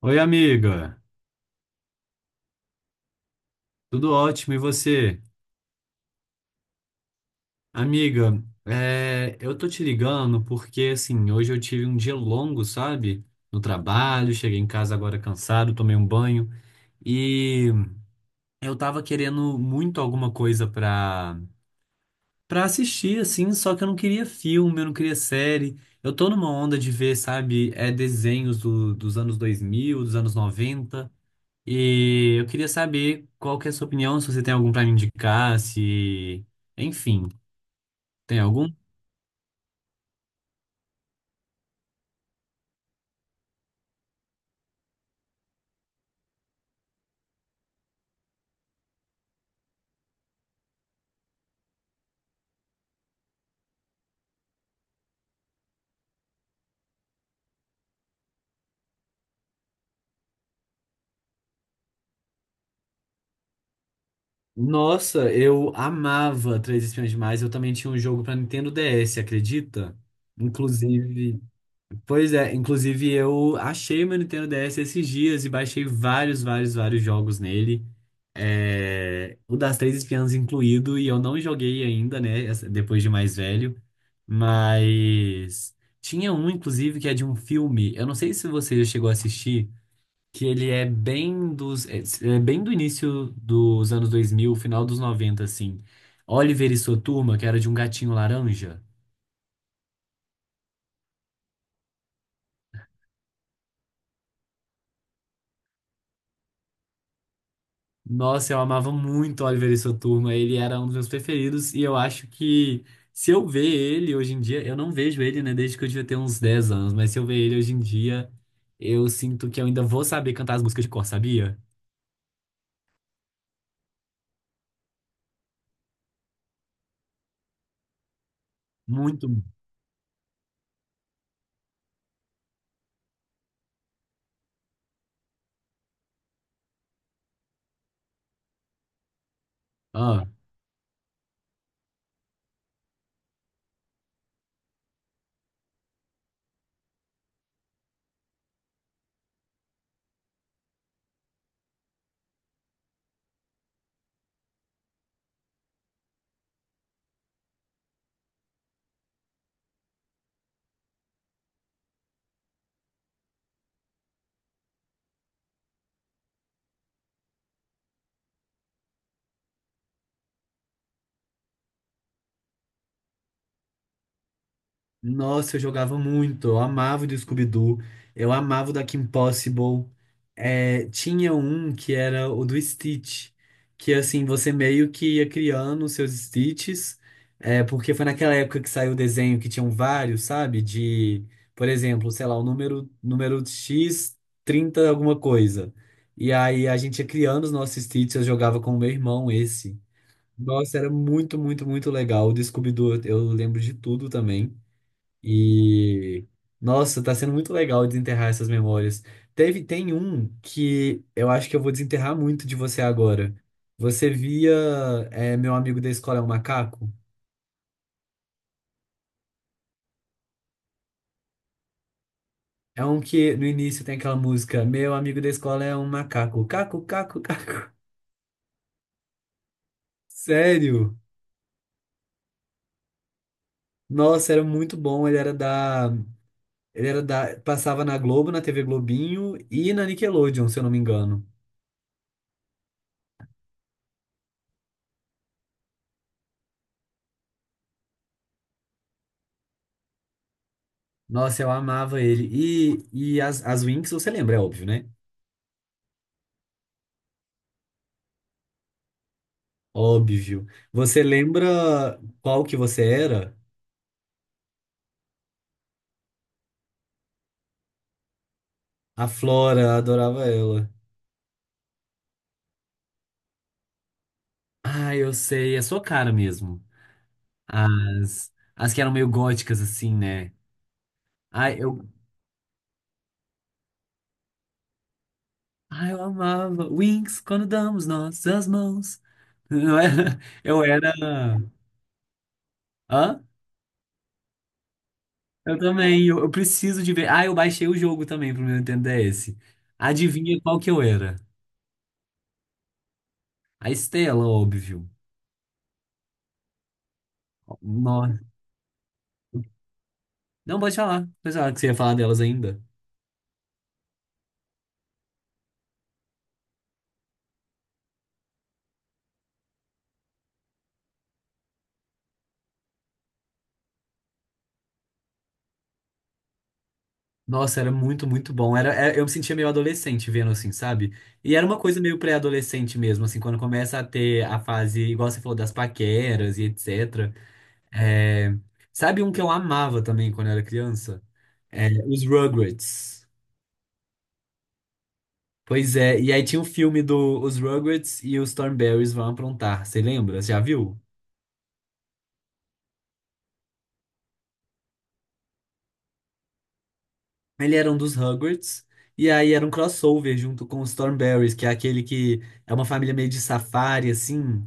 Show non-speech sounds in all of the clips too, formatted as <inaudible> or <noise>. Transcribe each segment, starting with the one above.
Oi, amiga. Tudo ótimo, e você? Amiga, eu tô te ligando porque, assim, hoje eu tive um dia longo, sabe? No trabalho, cheguei em casa agora cansado, tomei um banho e eu tava querendo muito alguma coisa pra assistir, assim, só que eu não queria filme, eu não queria série. Eu tô numa onda de ver, sabe, desenhos dos anos 2000, dos anos noventa. E eu queria saber qual que é a sua opinião, se você tem algum pra me indicar, se... Enfim, tem algum? Nossa, eu amava Três Espiões Demais. Eu também tinha um jogo pra Nintendo DS, acredita? Inclusive. Pois é, inclusive eu achei meu Nintendo DS esses dias e baixei vários, vários, vários jogos nele. É, o das Três Espiãs incluído, e eu não joguei ainda, né? Depois de mais velho. Mas tinha um, inclusive, que é de um filme. Eu não sei se você já chegou a assistir, que ele é bem dos. É bem do início dos anos dois mil, final dos noventa, assim. Oliver e sua turma, que era de um gatinho laranja. Nossa, eu amava muito o Oliver e sua turma. Ele era um dos meus preferidos. E eu acho que se eu ver ele hoje em dia, eu não vejo ele, né, desde que eu devia ter uns 10 anos, mas se eu ver ele hoje em dia, eu sinto que eu ainda vou saber cantar as músicas de cor, sabia? Muito. Ah. Nossa, eu jogava muito. Eu amava o do Scooby-Doo. Eu amava o da Kim Possible. É, tinha um que era o do Stitch. Que assim, você meio que ia criando os seus Stitches. É, porque foi naquela época que saiu o desenho que tinham vários, sabe? De, por exemplo, sei lá, número X, 30 alguma coisa. E aí a gente ia criando os nossos Stitches. Eu jogava com o meu irmão esse. Nossa, era muito, muito, muito legal. O do Scooby-Doo, eu lembro de tudo também. E nossa, tá sendo muito legal desenterrar essas memórias. Teve, tem um que eu acho que eu vou desenterrar muito de você agora. Você via Meu Amigo da Escola é um Macaco? É um que no início tem aquela música Meu amigo da escola é um macaco. Caco, caco, <laughs> caco. Sério? Nossa, era muito bom. Ele era da. Ele era da. Passava na Globo, na TV Globinho e na Nickelodeon, se eu não me engano. Nossa, eu amava ele. E as Winx, você lembra, é óbvio, né? Óbvio. Você lembra qual que você era? A Flora, adorava ela. Ah, eu sei, é sua cara mesmo. As que eram meio góticas, assim, né? Ai, eu, ai, eu amava. Wings, quando damos nossas mãos. Não era- <laughs> Eu era. Hã? Eu também, eu preciso de ver. Ah, eu baixei o jogo também pro meu Nintendo DS. Adivinha qual que eu era? A Estela, óbvio. Nossa. Não, pode falar. Pode falar que você ia falar delas ainda. Nossa, era muito, muito bom. Era, eu me sentia meio adolescente vendo assim, sabe? E era uma coisa meio pré-adolescente mesmo, assim, quando começa a ter a fase, igual você falou, das paqueras e etc. É, sabe um que eu amava também quando era criança? É, os Rugrats. Pois é, e aí tinha o filme do Os Rugrats e os Thornberrys Vão Aprontar, você lembra? Você já viu? Ele era um dos Rugrats, e aí era um crossover junto com os Thornberrys, que é aquele que é uma família meio de safari, assim.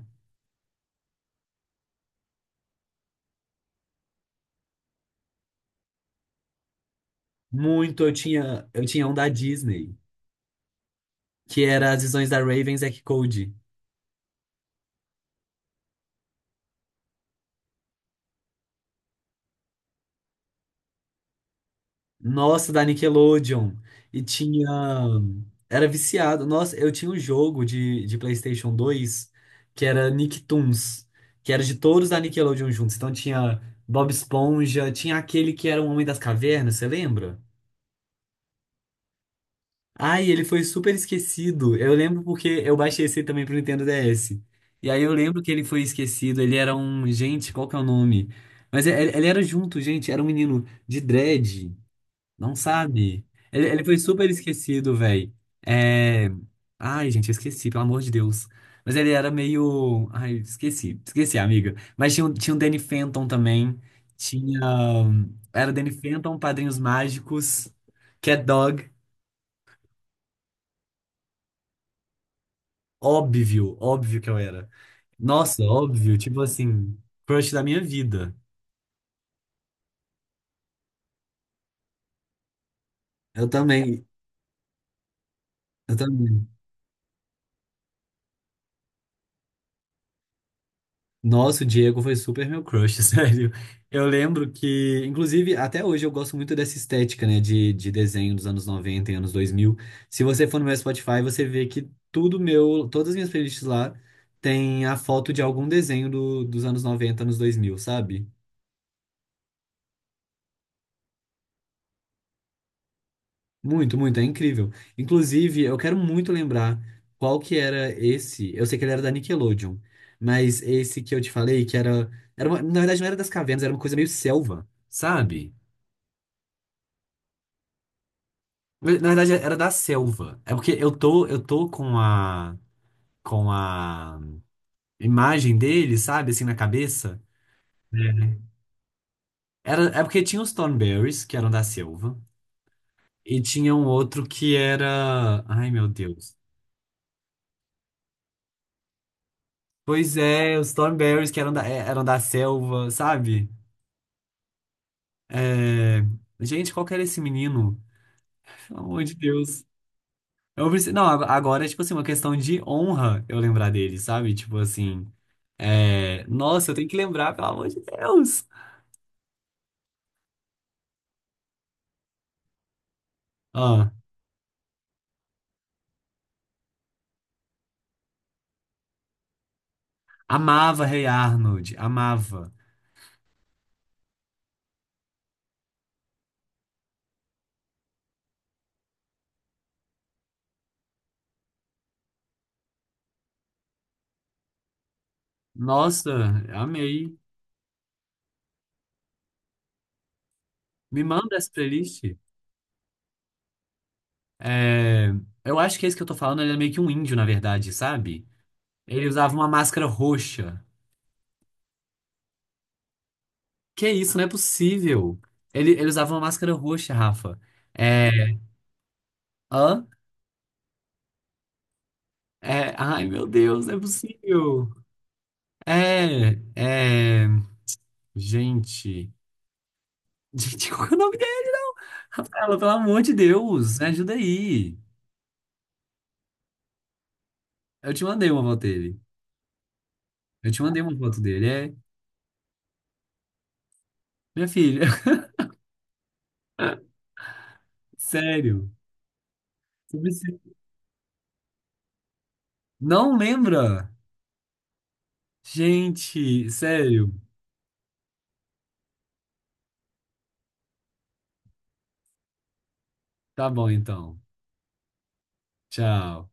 Muito, eu tinha um da Disney, que era As Visões da Raven, e Zack Cody. Nossa, da Nickelodeon. E tinha. Era viciado. Nossa, eu tinha um jogo de PlayStation 2 que era Nicktoons, que era de todos da Nickelodeon juntos. Então tinha Bob Esponja, tinha aquele que era o Homem das Cavernas, você lembra? Ai, ele foi super esquecido. Eu lembro porque eu baixei esse também pro Nintendo DS. E aí eu lembro que ele foi esquecido. Ele era um. Gente, qual que é o nome? Mas ele era junto, gente. Era um menino de dread. Não sabe? Ele foi super esquecido, velho. É. Ai, gente, eu esqueci, pelo amor de Deus. Mas ele era meio. Ai, esqueci. Esqueci, amiga. Mas tinha, tinha o Danny Phantom também. Tinha. Era Danny Phantom, Padrinhos Mágicos, Cat Dog. Óbvio, óbvio que eu era. Nossa, óbvio, tipo assim, crush da minha vida. Eu também, eu também. Nossa, o Diego foi super meu crush, <laughs> sério. Eu lembro que, inclusive, até hoje eu gosto muito dessa estética, né, de desenho dos anos 90, e anos 2000. Se você for no meu Spotify, você vê que tudo meu, todas as minhas playlists lá tem a foto de algum desenho dos anos 90, anos 2000, sabe? Muito, muito, é incrível. Inclusive, eu quero muito lembrar qual que era esse. Eu sei que ele era da Nickelodeon, mas esse que eu te falei, era na verdade não era das cavernas, era uma coisa meio selva, sabe? Na verdade era da selva. É porque eu tô com a imagem dele, sabe, assim na cabeça. Era, é porque tinha os Thornberrys, que eram da selva, e tinha um outro que era, ai meu Deus. Pois é, os Thornberrys que eram da, é, eram da selva, sabe? É, gente, qual que era esse menino? Pelo amor de Deus. Eu preciso... Não, agora é tipo assim, uma questão de honra eu lembrar dele, sabe? Tipo assim. Nossa, eu tenho que lembrar, pelo amor de Deus. Ó, amava Rei Arnold, amava. Nossa, amei. Me manda essa playlist. É, eu acho que esse que eu tô falando, ele é meio que um índio, na verdade, sabe? Ele usava uma máscara roxa. Que isso, não é possível. Ele usava uma máscara roxa, Rafa. É. Hã? É. Ai, meu Deus, não é possível. É. É. Gente. Gente, <laughs> qual que é o nome dele? Rafaela, pelo amor de Deus, me ajuda aí. Eu te mandei uma foto dele. Eu te mandei uma foto dele. É. Minha filha. <laughs> Sério. Você precisa- Não lembra? Gente, sério. Tá bom, então. Tchau.